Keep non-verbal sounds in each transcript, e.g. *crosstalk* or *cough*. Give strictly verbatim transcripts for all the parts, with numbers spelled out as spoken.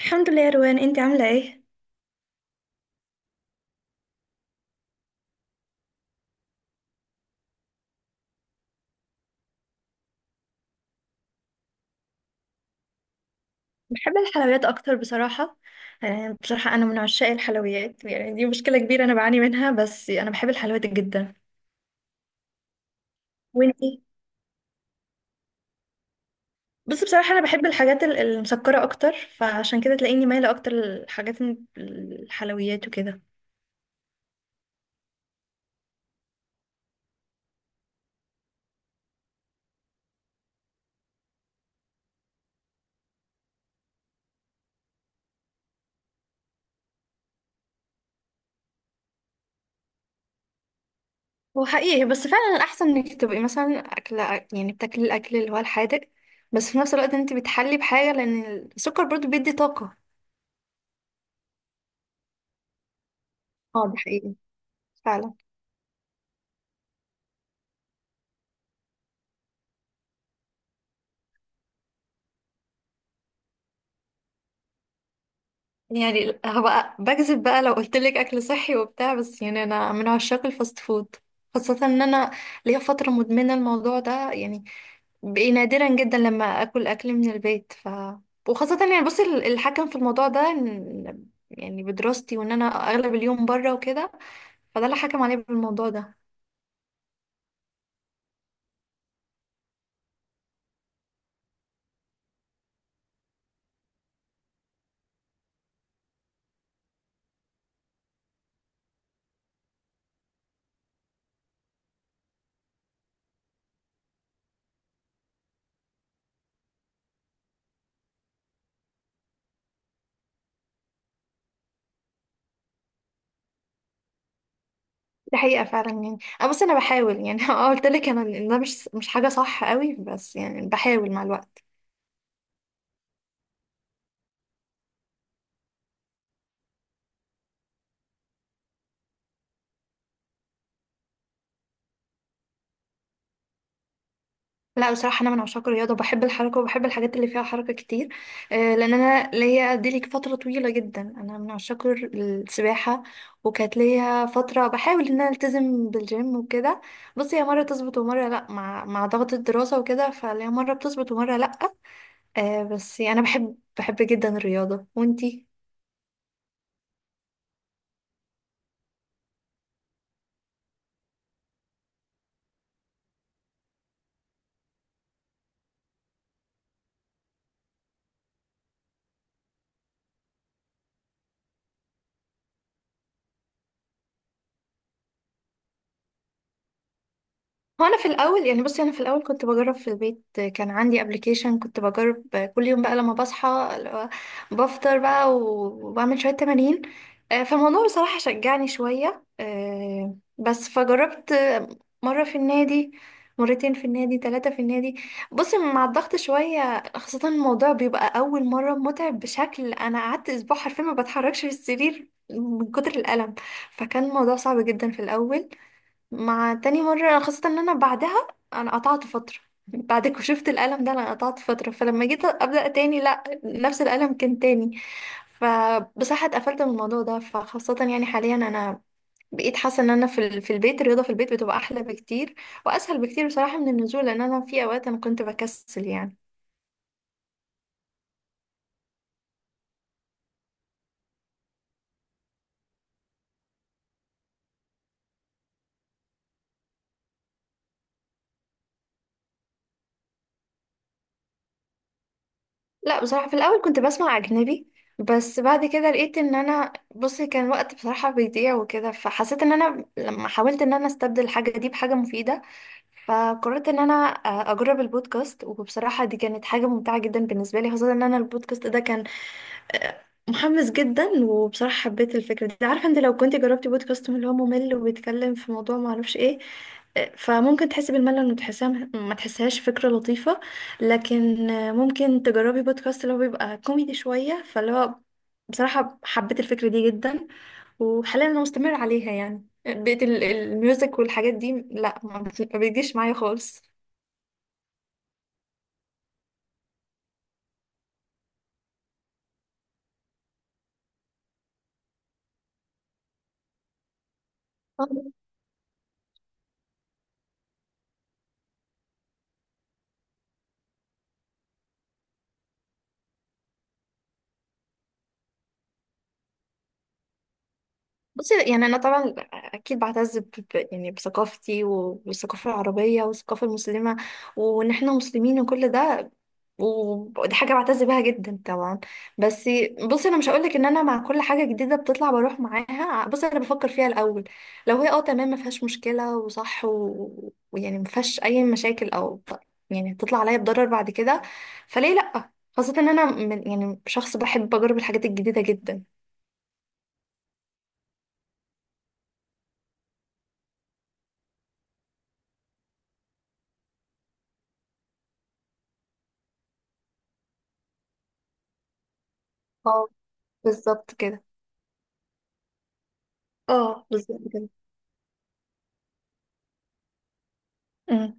الحمد لله يا روان، انت عامله ايه؟ بحب الحلويات اكتر بصراحه. يعني بصراحه انا من عشاق الحلويات، يعني دي مشكله كبيره انا بعاني منها، بس انا بحب الحلويات جدا. وانتي؟ بص، بصراحه انا بحب الحاجات ال- المسكره اكتر. فعشان كده تلاقيني مايله اكتر للحاجات ال- الحلويات وكده. هو حقيقي، بس فعلا الأحسن إنك تبقي مثلا أكلة، يعني بتاكلي الأكل اللي هو الحادق، بس في نفس الوقت أنت بتحلي بحاجة، لأن السكر برضو بيدي طاقة. اه، ده حقيقي فعلا. يعني هبقى بكذب بقى لو قلت لك اكل صحي وبتاع، بس يعني انا من عشاق الفاست فود. خاصة ان انا ليا فترة مدمنة الموضوع ده، يعني بقي نادرا جدا لما اكل اكل من البيت ف وخاصة يعني بصي ال- الحكم في الموضوع ده إن- يعني بدراستي وان انا اغلب اليوم بره وكده، فده اللي حكم عليا بالموضوع ده. دي حقيقة فعلا، يعني انا بصي انا بحاول يعني *laughs* اه، قلت لك انا إن ده مش مش حاجة صح قوي، بس يعني بحاول مع الوقت. لا، بصراحة أنا من عشاق الرياضة، وبحب الحركة وبحب الحاجات اللي فيها حركة كتير. آه، لأن أنا ليا دي ليك فترة طويلة جدا أنا من عشاق ال- السباحة. وكانت ليا فترة بحاول إن أنا ألتزم بالجيم وكده. بصي هي مرة تظبط ومرة لأ، مع مع ضغط الدراسة وكده، فليا مرة بتظبط ومرة لأ. آه، بس أنا بحب بحب جدا الرياضة. وأنتي؟ هو انا في الاول يعني بصي انا في الاول كنت بجرب في البيت، كان عندي ابلكيشن كنت بجرب كل يوم بقى لما بصحى، اللي هو بفطر بقى وبعمل شويه تمارين. آه، فالموضوع بصراحه شجعني شويه. آه، بس فجربت مره في النادي، مرتين في النادي، ثلاثه في النادي. بصي مع الضغط شويه، خاصه الموضوع بيبقى اول مره متعب بشكل، انا قعدت اسبوع حرفيا ما بتحركش في السرير من كتر الالم. فكان الموضوع صعب جدا في الاول. مع تاني مرة خاصة ان انا بعدها انا قطعت فترة *laughs* بعد ما شفت الألم ده انا قطعت فترة، فلما جيت أبدأ تاني لا نفس الألم كان تاني. فبصراحة اتقفلت من الموضوع ده، فخاصة يعني حاليا انا بقيت حاسة ان انا في ال- في البيت الرياضة في البيت بتبقى احلى بكتير، واسهل بكتير بصراحة من النزول، لان انا في اوقات انا كنت بكسل يعني. لا بصراحة، في الاول كنت بسمع اجنبي. بس بعد كده لقيت ان انا بصي كان وقت بصراحة بيضيع وكده، فحسيت ان انا لما حاولت ان انا استبدل الحاجة دي بحاجة مفيدة. فقررت ان انا آه، اجرب البودكاست، وبصراحة دي كانت حاجة ممتعة جدا بالنسبة لي. خاصة ان انا البودكاست ده كان آه، محمس جدا، وبصراحة حبيت الفكرة دي. عارفة انت لو كنت جربتي بودكاست من اللي هو ممل وبيتكلم في موضوع معرفش ايه، آه، فممكن تحسي بالملل وتحسها ما تحسهاش فكرة لطيفة. لكن آه، ممكن تجربي بودكاست اللي هو بيبقى كوميدي شوية، فاللي هو بصراحة حبيت الفكرة دي جدا. وحاليا انا مستمرة عليها، يعني بقيت ال- الميوزك والحاجات دي لا ما بت- ما بيجيش معايا خالص. بصي يعني انا طبعا اكيد بعتز ب... ب- يعني بثقافتي و- والثقافه العربيه والثقافه المسلمه. وان احنا مسلمين وكل ده، ودي حاجه بعتز بيها جدا طبعا. بس بصي انا مش هقولك ان انا مع كل حاجه جديده بتطلع بروح معاها، بصي انا بفكر فيها الاول. لو هي اه تمام ما فيهاش مشكله وصح و- ويعني ما فيهاش اي مشاكل، او ط- يعني هتطلع عليا بضرر بعد كده، فليه لا. خاصه ان انا من يعني شخص بحب اجرب الحاجات الجديده جدا. اه، بالظبط كده. اه، بالظبط كده. أمم.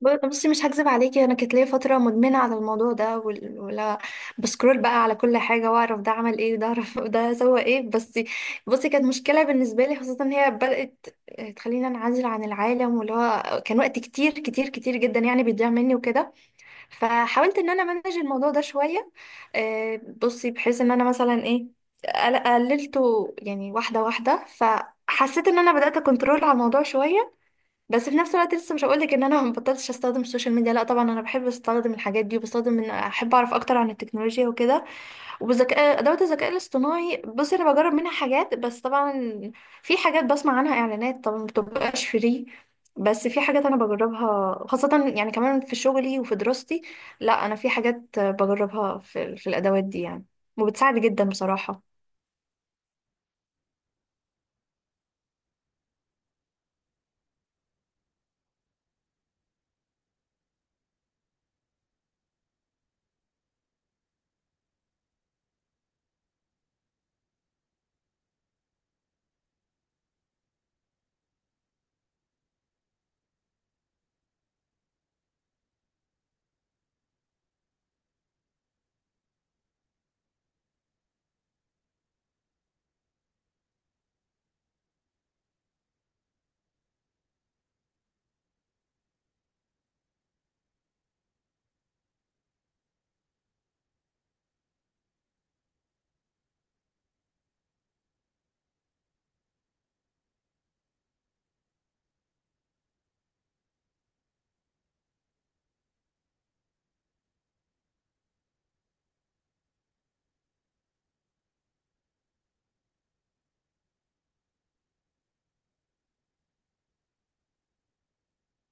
ب- بصي مش هكذب عليكي، انا كانت ليا فتره مدمنه على الموضوع ده، وال- ولا بسكرول بقى على كل حاجه واعرف ده عمل ايه، ده اعرف *laughs* ده سوى ايه، بس بصي كانت مشكله بالنسبه لي، خاصه ان هي بدات تخليني انعزل عن العالم، واللي هو كان وقت كتير كتير كتير جدا يعني بيضيع مني وكده. فحاولت ان انا امانج الموضوع ده شويه. آه، بصي بحيث ان انا مثلا ايه قل- قللته يعني واحده واحده، فحسيت ان انا بدات اكنترول على الموضوع شويه. بس في نفس الوقت لسه مش هقولك ان انا ما بطلتش استخدم السوشيال ميديا، لا طبعا انا بحب استخدم الحاجات دي، وبستخدم ان احب اعرف اكتر عن التكنولوجيا وكده. وبذكاء ادوات الذكاء الاصطناعي، بصي انا بجرب منها حاجات، بس طبعا في حاجات بسمع عنها اعلانات طبعا ما بتبقاش فري. بس في حاجات انا بجربها، خاصة يعني كمان في شغلي وفي دراستي. لا انا في حاجات بجربها، في, في الادوات دي يعني، وبتساعد جدا بصراحة.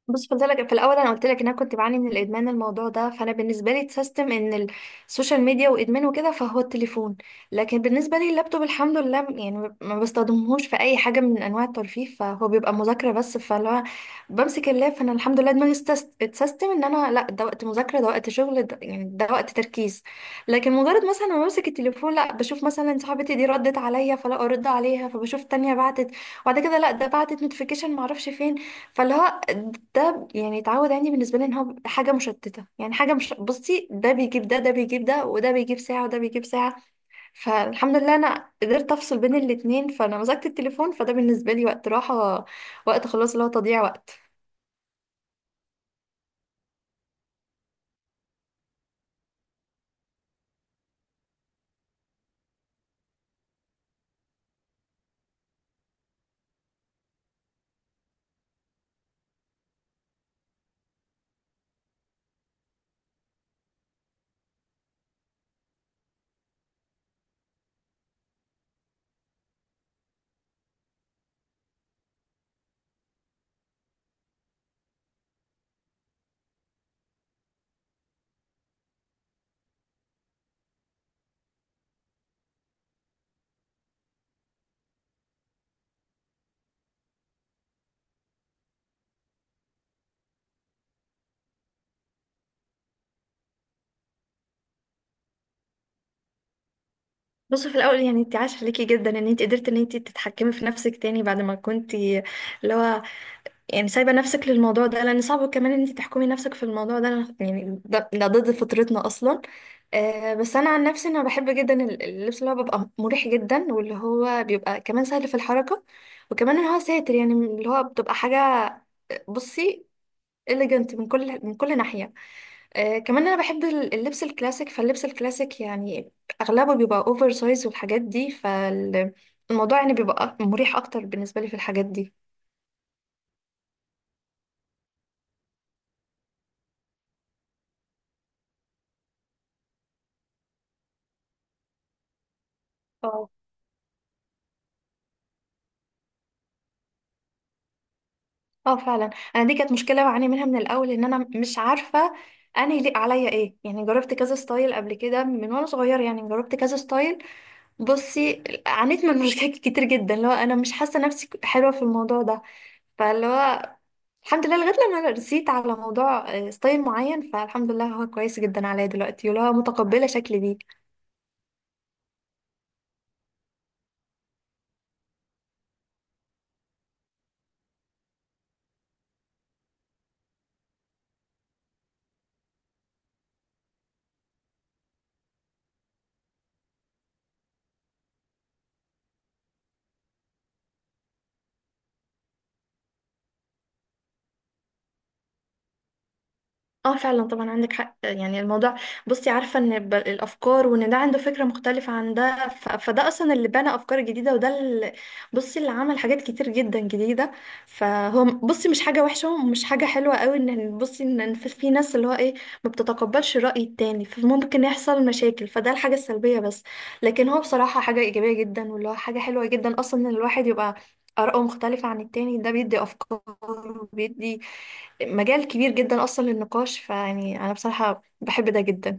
بص، قلت لك في الاول، انا قلت لك ان انا كنت بعاني من الادمان الموضوع ده، فانا بالنسبه لي اتسيستم ان السوشيال ميديا وادمان وكده، فهو التليفون. لكن بالنسبه لي اللابتوب الحمد لله، م- يعني ما ما بستخدمهوش في اي حاجه من انواع الترفيه، فهو بيبقى مذاكره بس، فاللي هو بمسك اللاب فانا الحمد لله دماغي استس- اتسيستم ان انا لا ده وقت مذاكره، ده وقت شغل، ده يعني ده وقت تركيز. لكن مجرد مثلا ما بمسك التليفون، لا بشوف مثلا صاحبتي دي ردت عليا فلا ارد عليها، فبشوف تانية بعتت، وبعد كده لا ده بعتت نوتيفيكيشن معرفش فين، فاللي هو ده يعني اتعود عندي بالنسبه لي ان هو حاجه مشتته. يعني حاجه مش بصي ده بيجيب ده ده بيجيب ده، وده بيجيب ساعه، وده بيجيب ساعه. فالحمد لله انا قدرت افصل بين الاتنين، فانا مسكت التليفون فده بالنسبه لي وقت راحه، وقت خلاص اللي هو تضييع وقت. بصي في الاول يعني، انت عاش عليكي جدا ان انت قدرتي ان انت تتحكمي في نفسك تاني بعد ما كنتي اللي هو يعني سايبة نفسك للموضوع ده، لأن صعب كمان إن انت تحكمي نفسك في الموضوع ده، أنا يعني ده, ده ضد فطرتنا أصلا. آه بس أنا عن نفسي أنا بحب جدا ال- اللبس اللي هو بيبقى مريح جدا، واللي هو بيبقى كمان سهل في الحركة، وكمان إن هو ساتر، يعني اللي هو بتبقى حاجة بصي إليجنت من كل من كل ناحية. آه كمان أنا بحب ال- اللبس الكلاسيك، فاللبس الكلاسيك يعني أغلبه بيبقى أوفر سايز والحاجات دي، فالموضوع يعني بيبقى مريح أكتر بالنسبة لي في الحاجات دي. اه فعلا. انا دي كانت مشكله بعاني منها من الاول، ان انا مش عارفه انا يليق عليا ايه، يعني جربت كذا ستايل قبل كده من وانا صغيره، يعني جربت كذا ستايل. بصي عانيت من *laughs* مشاكل كتير جدا اللي هو انا مش حاسه نفسي حلوه في الموضوع ده، فاللي هو الحمد لله لغايه لما أنا رسيت على موضوع آه، ستايل معين، فالحمد لله هو كويس جدا عليا دلوقتي واللي هو متقبله شكلي بيه. اه فعلا، طبعا عندك حق. يعني الموضوع بصي عارفة ان ب- الافكار، وان ده عنده فكرة مختلفة عن ده، ف- فده اصلا اللي بنى افكار جديدة، وده اللي بصي اللي عمل حاجات كتير جدا جديدة. فهو م- بصي مش حاجة وحشة ومش حاجة حلوة قوي ان بصي ان إن في في ناس اللي هو ايه ما بتتقبلش الرأي التاني فممكن يحصل مشاكل، فده الحاجة السلبية بس. لكن هو بصراحة حاجة ايجابية جدا، واللي هو حاجة حلوة جدا اصلا ان الواحد يبقى آراءه مختلفة عن التاني، ده بيدي أفكار وبيدي مجال كبير جدا اصلا للنقاش، فيعني انا بصراحة بحب ده جدا.